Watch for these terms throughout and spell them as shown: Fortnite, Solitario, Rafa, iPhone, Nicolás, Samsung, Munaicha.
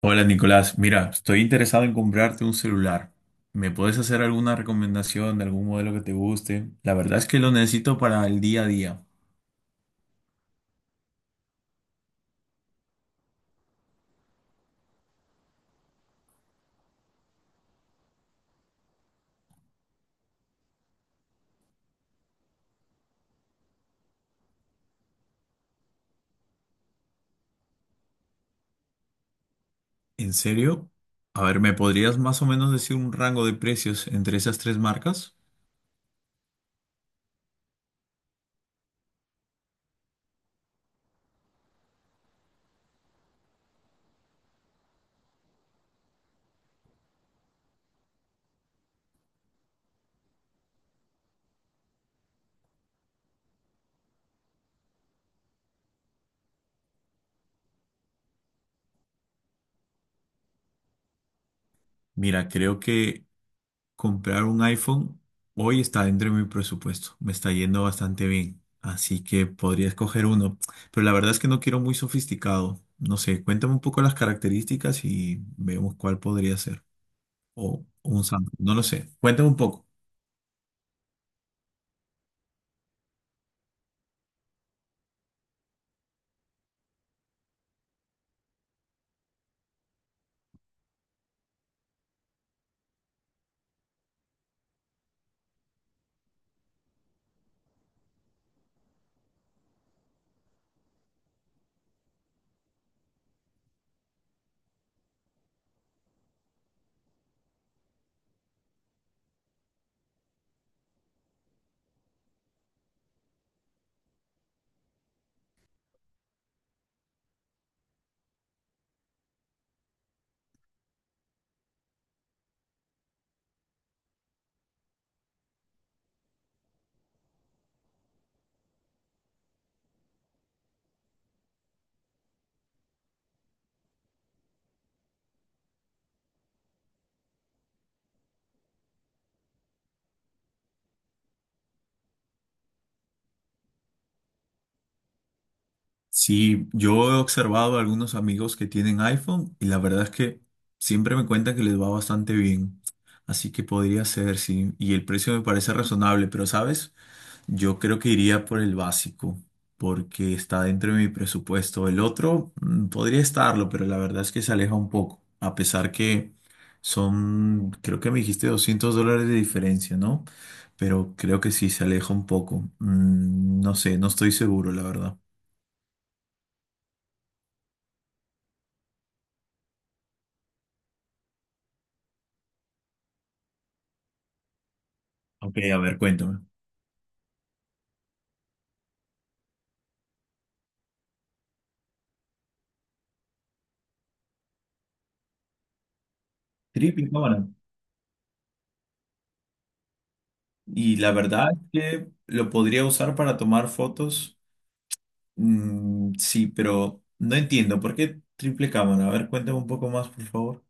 Hola Nicolás, mira, estoy interesado en comprarte un celular. ¿Me puedes hacer alguna recomendación de algún modelo que te guste? La verdad es que lo necesito para el día a día. ¿En serio? A ver, ¿me podrías más o menos decir un rango de precios entre esas tres marcas? Mira, creo que comprar un iPhone hoy está dentro de mi presupuesto. Me está yendo bastante bien. Así que podría escoger uno. Pero la verdad es que no quiero muy sofisticado. No sé, cuéntame un poco las características y vemos cuál podría ser. O un Samsung, no lo sé. Cuéntame un poco. Si yo he observado a algunos amigos que tienen iPhone y la verdad es que siempre me cuentan que les va bastante bien. Así que podría ser, sí. Y el precio me parece razonable, pero ¿sabes? Yo creo que iría por el básico, porque está dentro de mi presupuesto. El otro podría estarlo, pero la verdad es que se aleja un poco, a pesar que son, creo que me dijiste $200 de diferencia, ¿no? Pero creo que sí, se aleja un poco. No sé, no estoy seguro, la verdad. Ok, a ver, cuéntame. Trip y cámara. Y la verdad es que lo podría usar para tomar fotos. Sí, pero no entiendo. ¿Por qué triple cámara? A ver, cuéntame un poco más, por favor.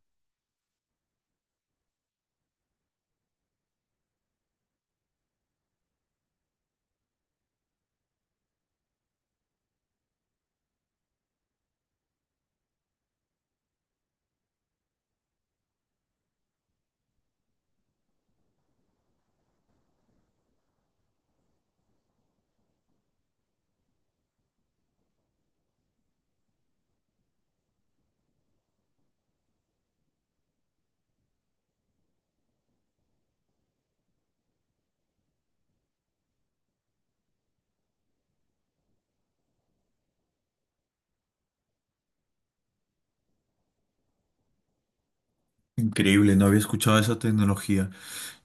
Increíble, no había escuchado esa tecnología.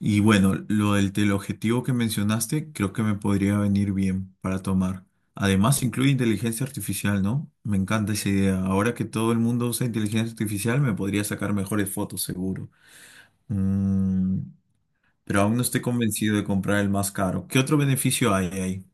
Y bueno, lo del teleobjetivo que mencionaste, creo que me podría venir bien para tomar. Además, incluye inteligencia artificial, ¿no? Me encanta esa idea. Ahora que todo el mundo usa inteligencia artificial, me podría sacar mejores fotos, seguro. Mm, pero aún no estoy convencido de comprar el más caro. ¿Qué otro beneficio hay ahí?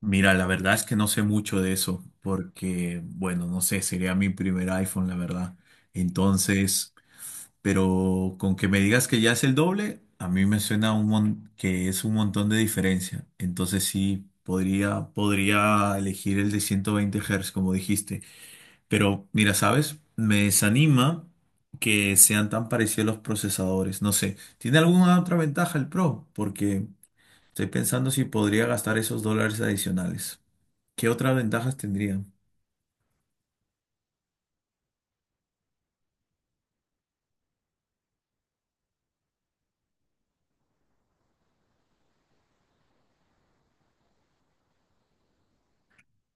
Mira, la verdad es que no sé mucho de eso, porque, bueno, no sé, sería mi primer iPhone, la verdad. Entonces, pero con que me digas que ya es el doble, a mí me suena que es un montón de diferencia. Entonces sí, podría elegir el de 120 Hz, como dijiste. Pero mira, ¿sabes? Me desanima que sean tan parecidos los procesadores. No sé, ¿tiene alguna otra ventaja el Pro? Porque estoy pensando si podría gastar esos dólares adicionales. ¿Qué otras ventajas tendría?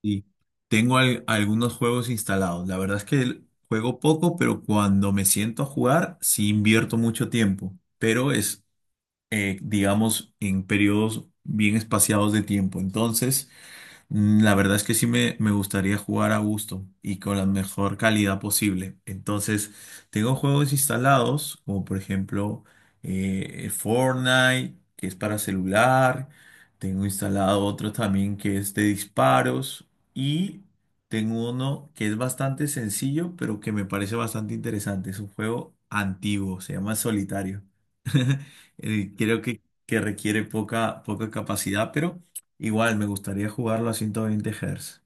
Y tengo algunos juegos instalados. La verdad es que juego poco, pero cuando me siento a jugar, sí invierto mucho tiempo. Pero es, digamos, en periodos bien espaciados de tiempo. Entonces. La verdad es que sí me gustaría jugar a gusto y con la mejor calidad posible. Entonces, tengo juegos instalados, como por ejemplo Fortnite, que es para celular. Tengo instalado otro también que es de disparos. Y tengo uno que es bastante sencillo, pero que me parece bastante interesante. Es un juego antiguo, se llama Solitario. Creo que requiere poca, poca capacidad, pero. Igual, me gustaría jugarlo a 120 Hz.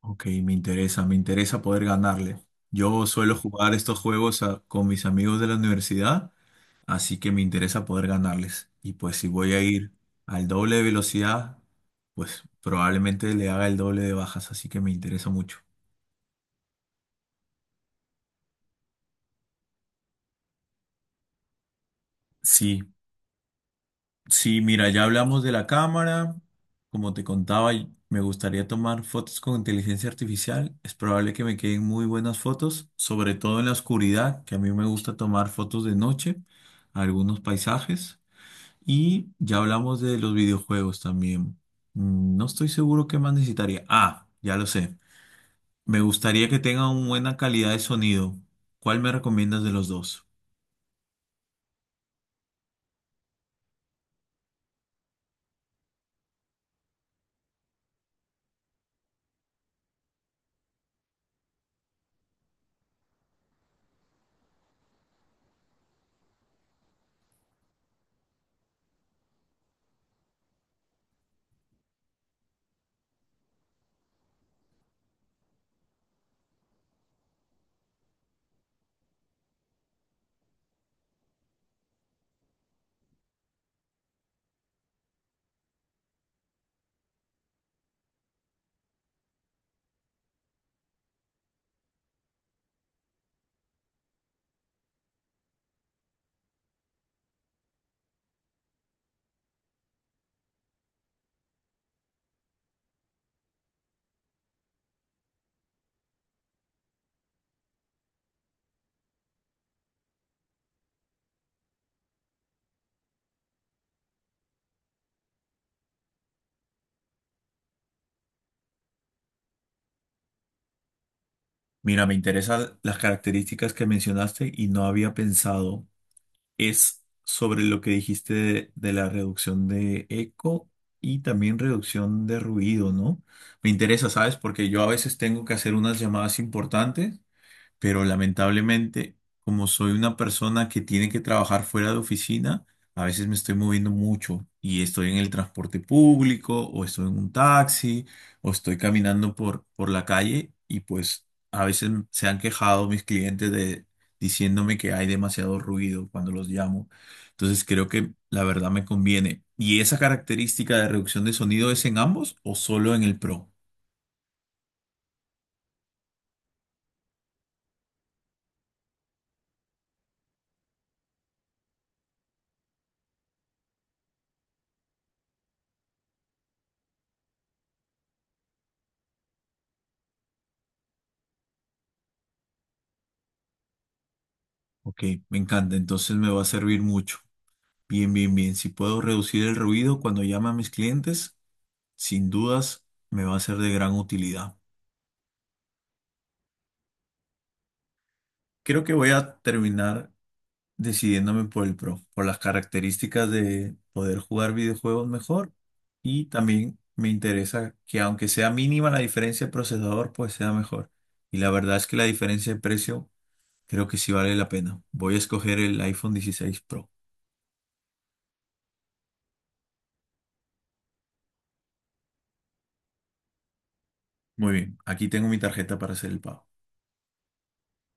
Ok, me interesa poder ganarle. Yo suelo jugar estos juegos con mis amigos de la universidad, así que me interesa poder ganarles. Y pues si voy a ir al doble de velocidad, pues probablemente le haga el doble de bajas, así que me interesa mucho. Sí, sí, mira, ya hablamos de la cámara. Como te contaba, me gustaría tomar fotos con inteligencia artificial. Es probable que me queden muy buenas fotos, sobre todo en la oscuridad, que a mí me gusta tomar fotos de noche, algunos paisajes. Y ya hablamos de los videojuegos también. No estoy seguro qué más necesitaría. Ah, ya lo sé. Me gustaría que tenga una buena calidad de sonido. ¿Cuál me recomiendas de los dos? Mira, me interesan las características que mencionaste y no había pensado. Es sobre lo que dijiste de la reducción de eco y también reducción de ruido, ¿no? Me interesa, ¿sabes? Porque yo a veces tengo que hacer unas llamadas importantes, pero lamentablemente, como soy una persona que tiene que trabajar fuera de oficina, a veces me estoy moviendo mucho y estoy en el transporte público o estoy en un taxi o estoy caminando por la calle y pues a veces se han quejado mis clientes de diciéndome que hay demasiado ruido cuando los llamo. Entonces creo que la verdad me conviene. ¿Y esa característica de reducción de sonido es en ambos o solo en el Pro? Ok, me encanta, entonces me va a servir mucho. Bien, bien, bien. Si puedo reducir el ruido cuando llame a mis clientes, sin dudas me va a ser de gran utilidad. Creo que voy a terminar decidiéndome por el Pro, por las características de poder jugar videojuegos mejor y también me interesa que aunque sea mínima la diferencia de procesador, pues sea mejor. Y la verdad es que la diferencia de precio creo que sí vale la pena. Voy a escoger el iPhone 16 Pro. Muy bien, aquí tengo mi tarjeta para hacer el pago.